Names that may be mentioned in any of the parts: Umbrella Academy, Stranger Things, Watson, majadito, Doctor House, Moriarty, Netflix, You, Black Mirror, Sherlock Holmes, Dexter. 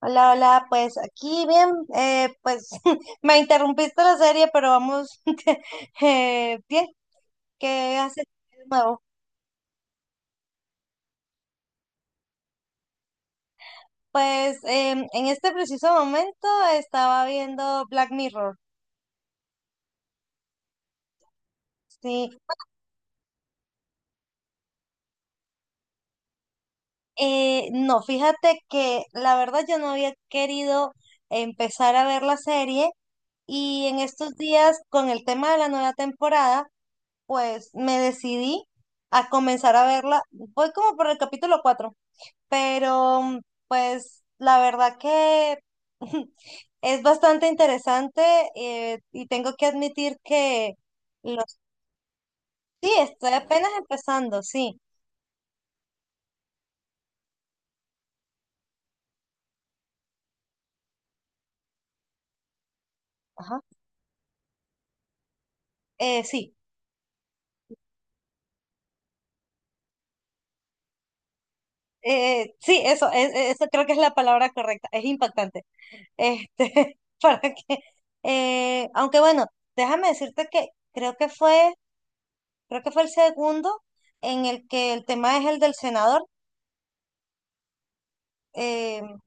Hola, hola, pues aquí bien, pues me interrumpiste la serie, pero vamos bien, ¿qué haces de nuevo? Pues en este preciso momento estaba viendo Black Mirror, sí. No, fíjate que la verdad yo no había querido empezar a ver la serie y en estos días con el tema de la nueva temporada, pues me decidí a comenzar a verla. Voy como por el capítulo 4, pero pues la verdad que es bastante interesante, y tengo que admitir que los, sí, estoy apenas empezando, sí, ajá, eh, sí, sí, eso creo que es la palabra correcta, es impactante, para que, aunque bueno, déjame decirte que creo que fue, creo que fue el segundo en el que el tema es el del senador. Eh,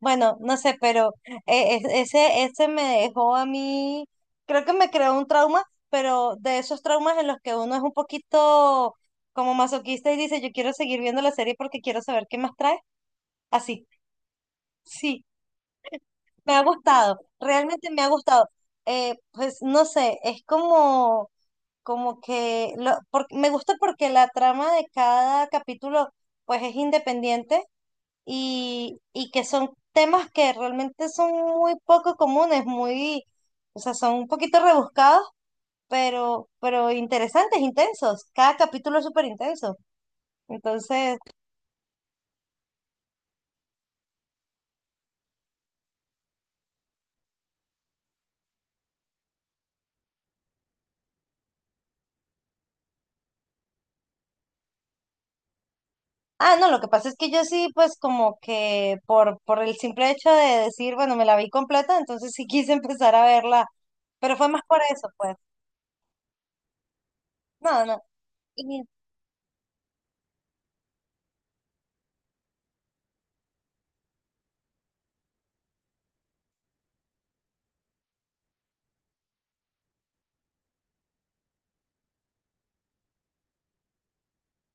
Bueno, no sé, pero ese, ese me dejó a mí, creo que me creó un trauma, pero de esos traumas en los que uno es un poquito como masoquista y dice, yo quiero seguir viendo la serie porque quiero saber qué más trae. Así, sí, me ha gustado, realmente me ha gustado. Pues no sé, es como, me gusta porque la trama de cada capítulo pues es independiente y que son temas que realmente son muy poco comunes, muy, o sea, son un poquito rebuscados, pero interesantes, intensos. Cada capítulo es súper intenso. Entonces, ah, no, lo que pasa es que yo sí, pues como que por el simple hecho de decir, bueno, me la vi completa, entonces sí quise empezar a verla, pero fue más por eso, pues. No, no.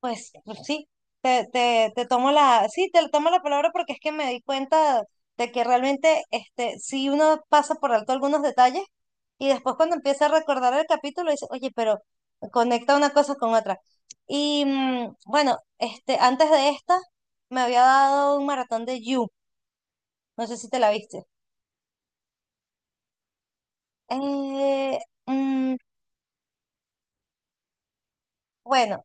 Sí, te tomo la, sí, te tomo la palabra porque es que me di cuenta de que realmente este, si uno pasa por alto algunos detalles y después cuando empieza a recordar el capítulo dice, oye, pero conecta una cosa con otra. Y bueno, este, antes de esta me había dado un maratón de You, no sé si te la viste. Eh, mm, bueno,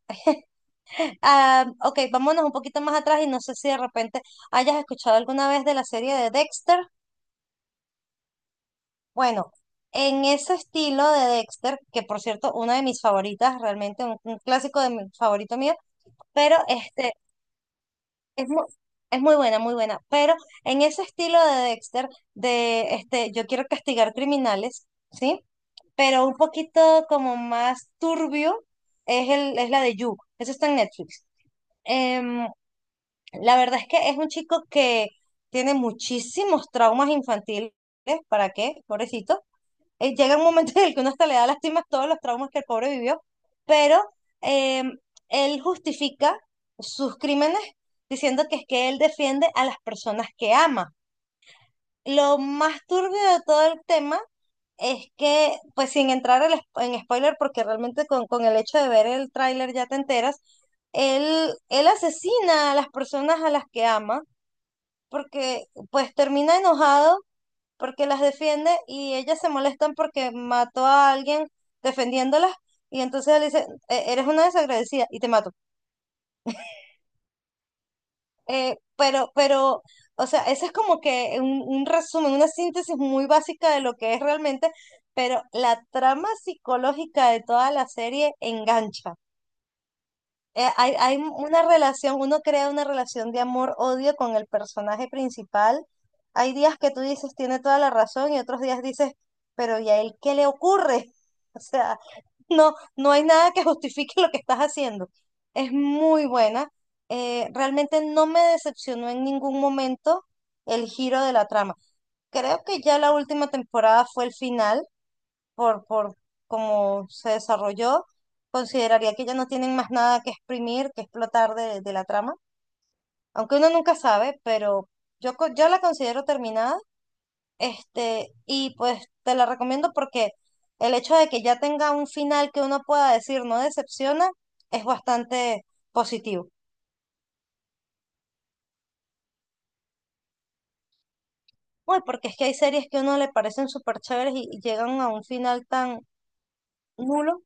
ah, ok, vámonos un poquito más atrás y no sé si de repente hayas escuchado alguna vez de la serie de Dexter. Bueno, en ese estilo de Dexter, que por cierto, una de mis favoritas, realmente un clásico de mi favorito mío, pero este es muy, es muy buena, muy buena. Pero en ese estilo de Dexter, de este, yo quiero castigar criminales, ¿sí? Pero un poquito como más turbio es la de You. Eso está en Netflix. Em, la verdad es que es un chico que tiene muchísimos traumas infantiles. ¿Para qué? Pobrecito, llega un momento en el que uno hasta le da lástima todos los traumas que el pobre vivió, pero eh, él justifica sus crímenes diciendo que es que él defiende a las personas que ama. Lo más turbio de todo el tema es que, pues sin entrar al spo- en spoiler, porque realmente con el hecho de ver el tráiler ya te enteras, él asesina a las personas a las que ama, porque pues termina enojado porque las defiende y ellas se molestan porque mató a alguien defendiéndolas y entonces él dice, "E- eres una desagradecida y te mato". Pero, o sea, ese es como que un resumen, una síntesis muy básica de lo que es realmente, pero la trama psicológica de toda la serie engancha. Hay una relación, uno crea una relación de amor-odio con el personaje principal. Hay días que tú dices, tiene toda la razón, y otros días dices, pero ¿y a él qué le ocurre? O sea, no hay nada que justifique lo que estás haciendo. Es muy buena. Realmente no me decepcionó en ningún momento el giro de la trama. Creo que ya la última temporada fue el final por cómo se desarrolló, consideraría que ya no tienen más nada que exprimir, que explotar de la trama, aunque uno nunca sabe, pero yo la considero terminada, este, y pues te la recomiendo porque el hecho de que ya tenga un final que uno pueda decir no decepciona es bastante positivo. Uy, porque es que hay series que a uno le parecen súper chéveres y llegan a un final tan nulo.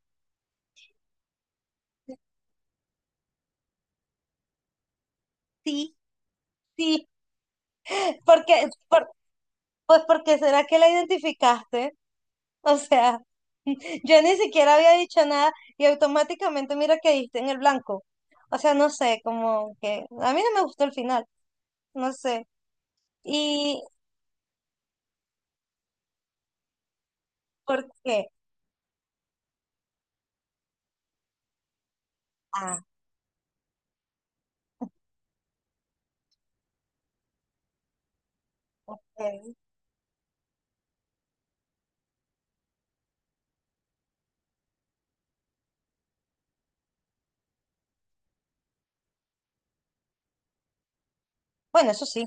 Sí, sí, porque, por- pues porque será que la identificaste. O sea, yo ni siquiera había dicho nada y automáticamente mira que diste en el blanco. O sea, no sé, como que a mí no me gustó el final, no sé. ¿Y por qué? Ah, eh, bueno, eso sí.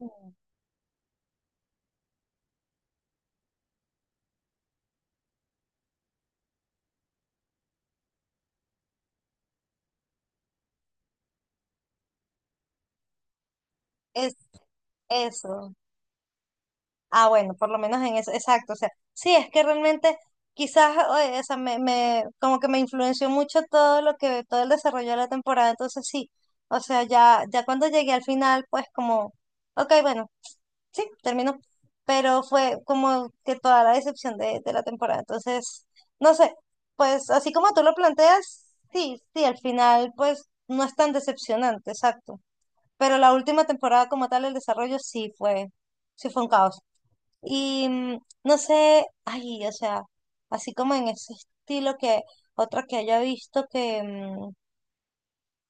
Mm. Es eso. Ah, bueno, por lo menos en eso, exacto. O sea, sí, es que realmente quizás, o sea, me, como que me influenció mucho todo lo que, todo el desarrollo de la temporada, entonces sí. O sea, ya cuando llegué al final, pues como, ok, bueno. Sí, terminó. Pero fue como que toda la decepción de la temporada. Entonces, no sé, pues así como tú lo planteas, sí, sí, al final pues no es tan decepcionante, exacto. Pero la última temporada como tal, el desarrollo sí fue un caos. Y no sé, ay, o sea, así como en ese estilo que otra que haya visto que,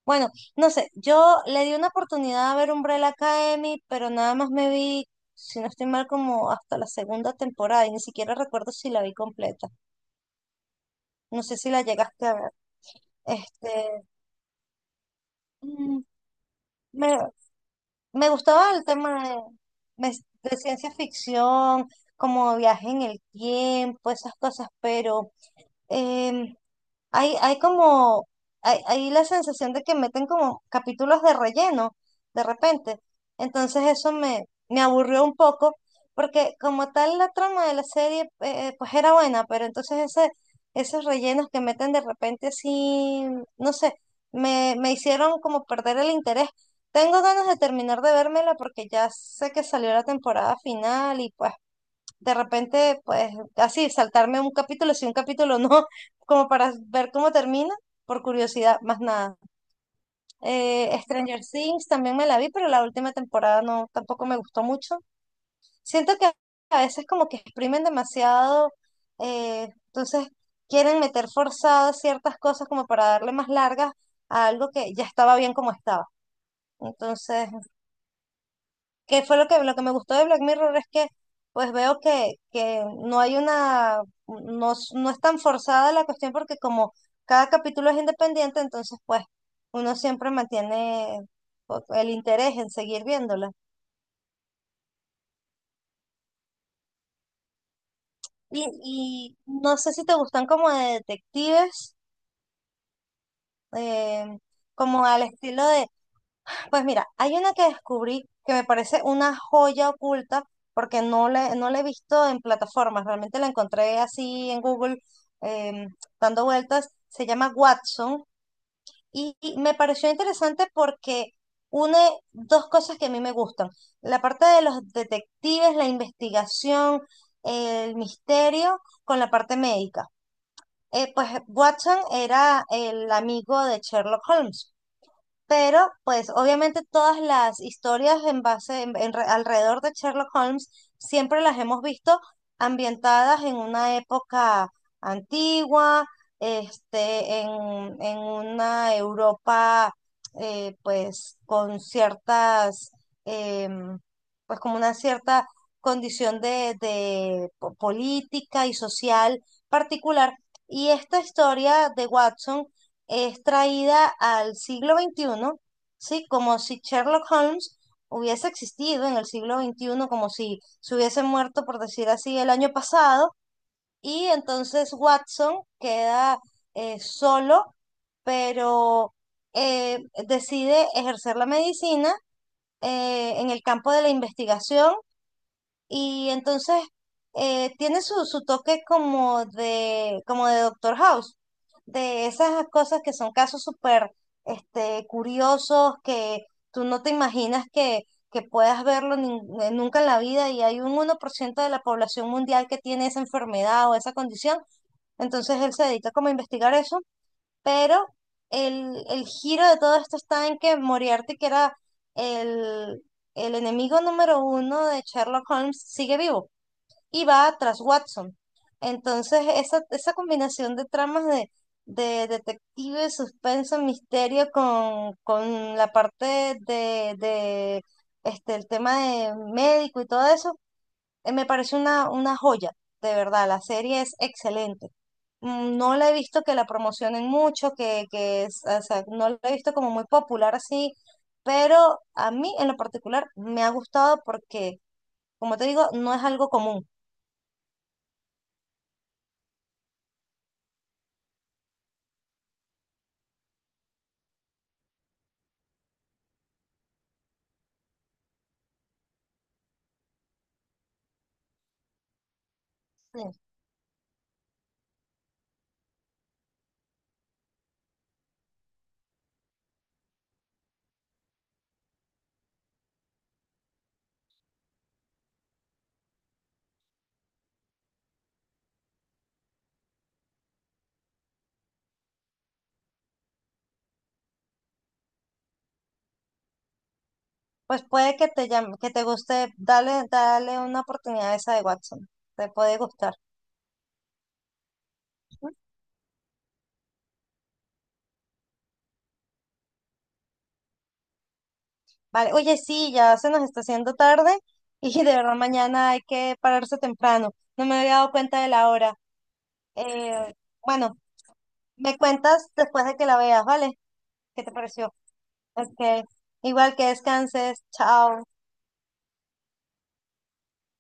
bueno, no sé, yo le di una oportunidad a ver Umbrella Academy, pero nada más me vi, si no estoy mal, como hasta la segunda temporada y ni siquiera recuerdo si la vi completa. No sé si la llegaste a ver. Este, mm, me, me gustaba el tema de, me- de ciencia ficción, como viaje en el tiempo, esas cosas, pero em, Hay, hay como, hay la sensación de que meten como capítulos de relleno de repente. Entonces eso me aburrió un poco, porque como tal la trama de la serie, pues era buena, pero entonces esos rellenos que meten de repente así, no sé, me hicieron como perder el interés. Tengo ganas de terminar de vérmela porque ya sé que salió la temporada final y pues de repente, pues así, saltarme un capítulo, si un capítulo no, como para ver cómo termina, por curiosidad, más nada. Stranger Things también me la vi, pero la última temporada no, tampoco me gustó mucho. Siento que a veces como que exprimen demasiado, entonces quieren meter forzadas ciertas cosas como para darle más largas a algo que ya estaba bien como estaba. Entonces, que fue lo que me gustó de Black Mirror es que pues veo que no hay una, no, no es tan forzada la cuestión porque como cada capítulo es independiente, entonces pues uno siempre mantiene pues, el interés en seguir viéndola. Y no sé si te gustan como de detectives, eh, como al estilo de. Pues mira, hay una que descubrí que me parece una joya oculta porque no la he visto en plataformas, realmente la encontré así en Google, em, dando vueltas, se llama Watson y me pareció interesante porque une dos cosas que a mí me gustan, la parte de los detectives, la investigación, el misterio con la parte médica. Pues Watson era el amigo de Sherlock Holmes. Pero, pues, obviamente todas las historias en base, en re- alrededor de Sherlock Holmes, siempre las hemos visto ambientadas en una época antigua, este, en una Europa, pues, con ciertas, em, pues, como una cierta condición de, política y social particular. Y esta historia de Watson es traída al siglo XXI, ¿sí? Como si Sherlock Holmes hubiese existido en el siglo XXI, como si se hubiese muerto, por decir así, el año pasado, y entonces Watson queda solo, pero eh, decide ejercer la medicina en el campo de la investigación y entonces tiene su toque como de Doctor House, de esas cosas que son casos súper este, curiosos que tú no te imaginas que puedas verlo nunca en la vida y hay un 1% de la población mundial que tiene esa enfermedad o esa condición. Entonces él se dedica como a investigar eso pero el giro de todo esto está en que Moriarty, que era el, el enemigo número 1 de Sherlock Holmes, sigue vivo y va tras Watson. Entonces, esa combinación de tramas de detective, suspenso, misterio con la parte de este, el tema de médico y todo eso, me parece una joya, de verdad, la serie es excelente. Mm, no la he visto que la promocionen mucho, o sea, no la he visto como muy popular así, pero a mí en lo particular me ha gustado porque, como te digo, no es algo común. Sí. Pues puede que te llame, que te guste, dale una oportunidad a esa de Watson, te puede gustar. Vale, oye, sí, ya se nos está haciendo tarde y de verdad mañana hay que pararse temprano. No me había dado cuenta de la hora. Eh, bueno, me cuentas después de que la veas, ¿vale? ¿Qué te pareció? Ok. Igual que descanses. Chao.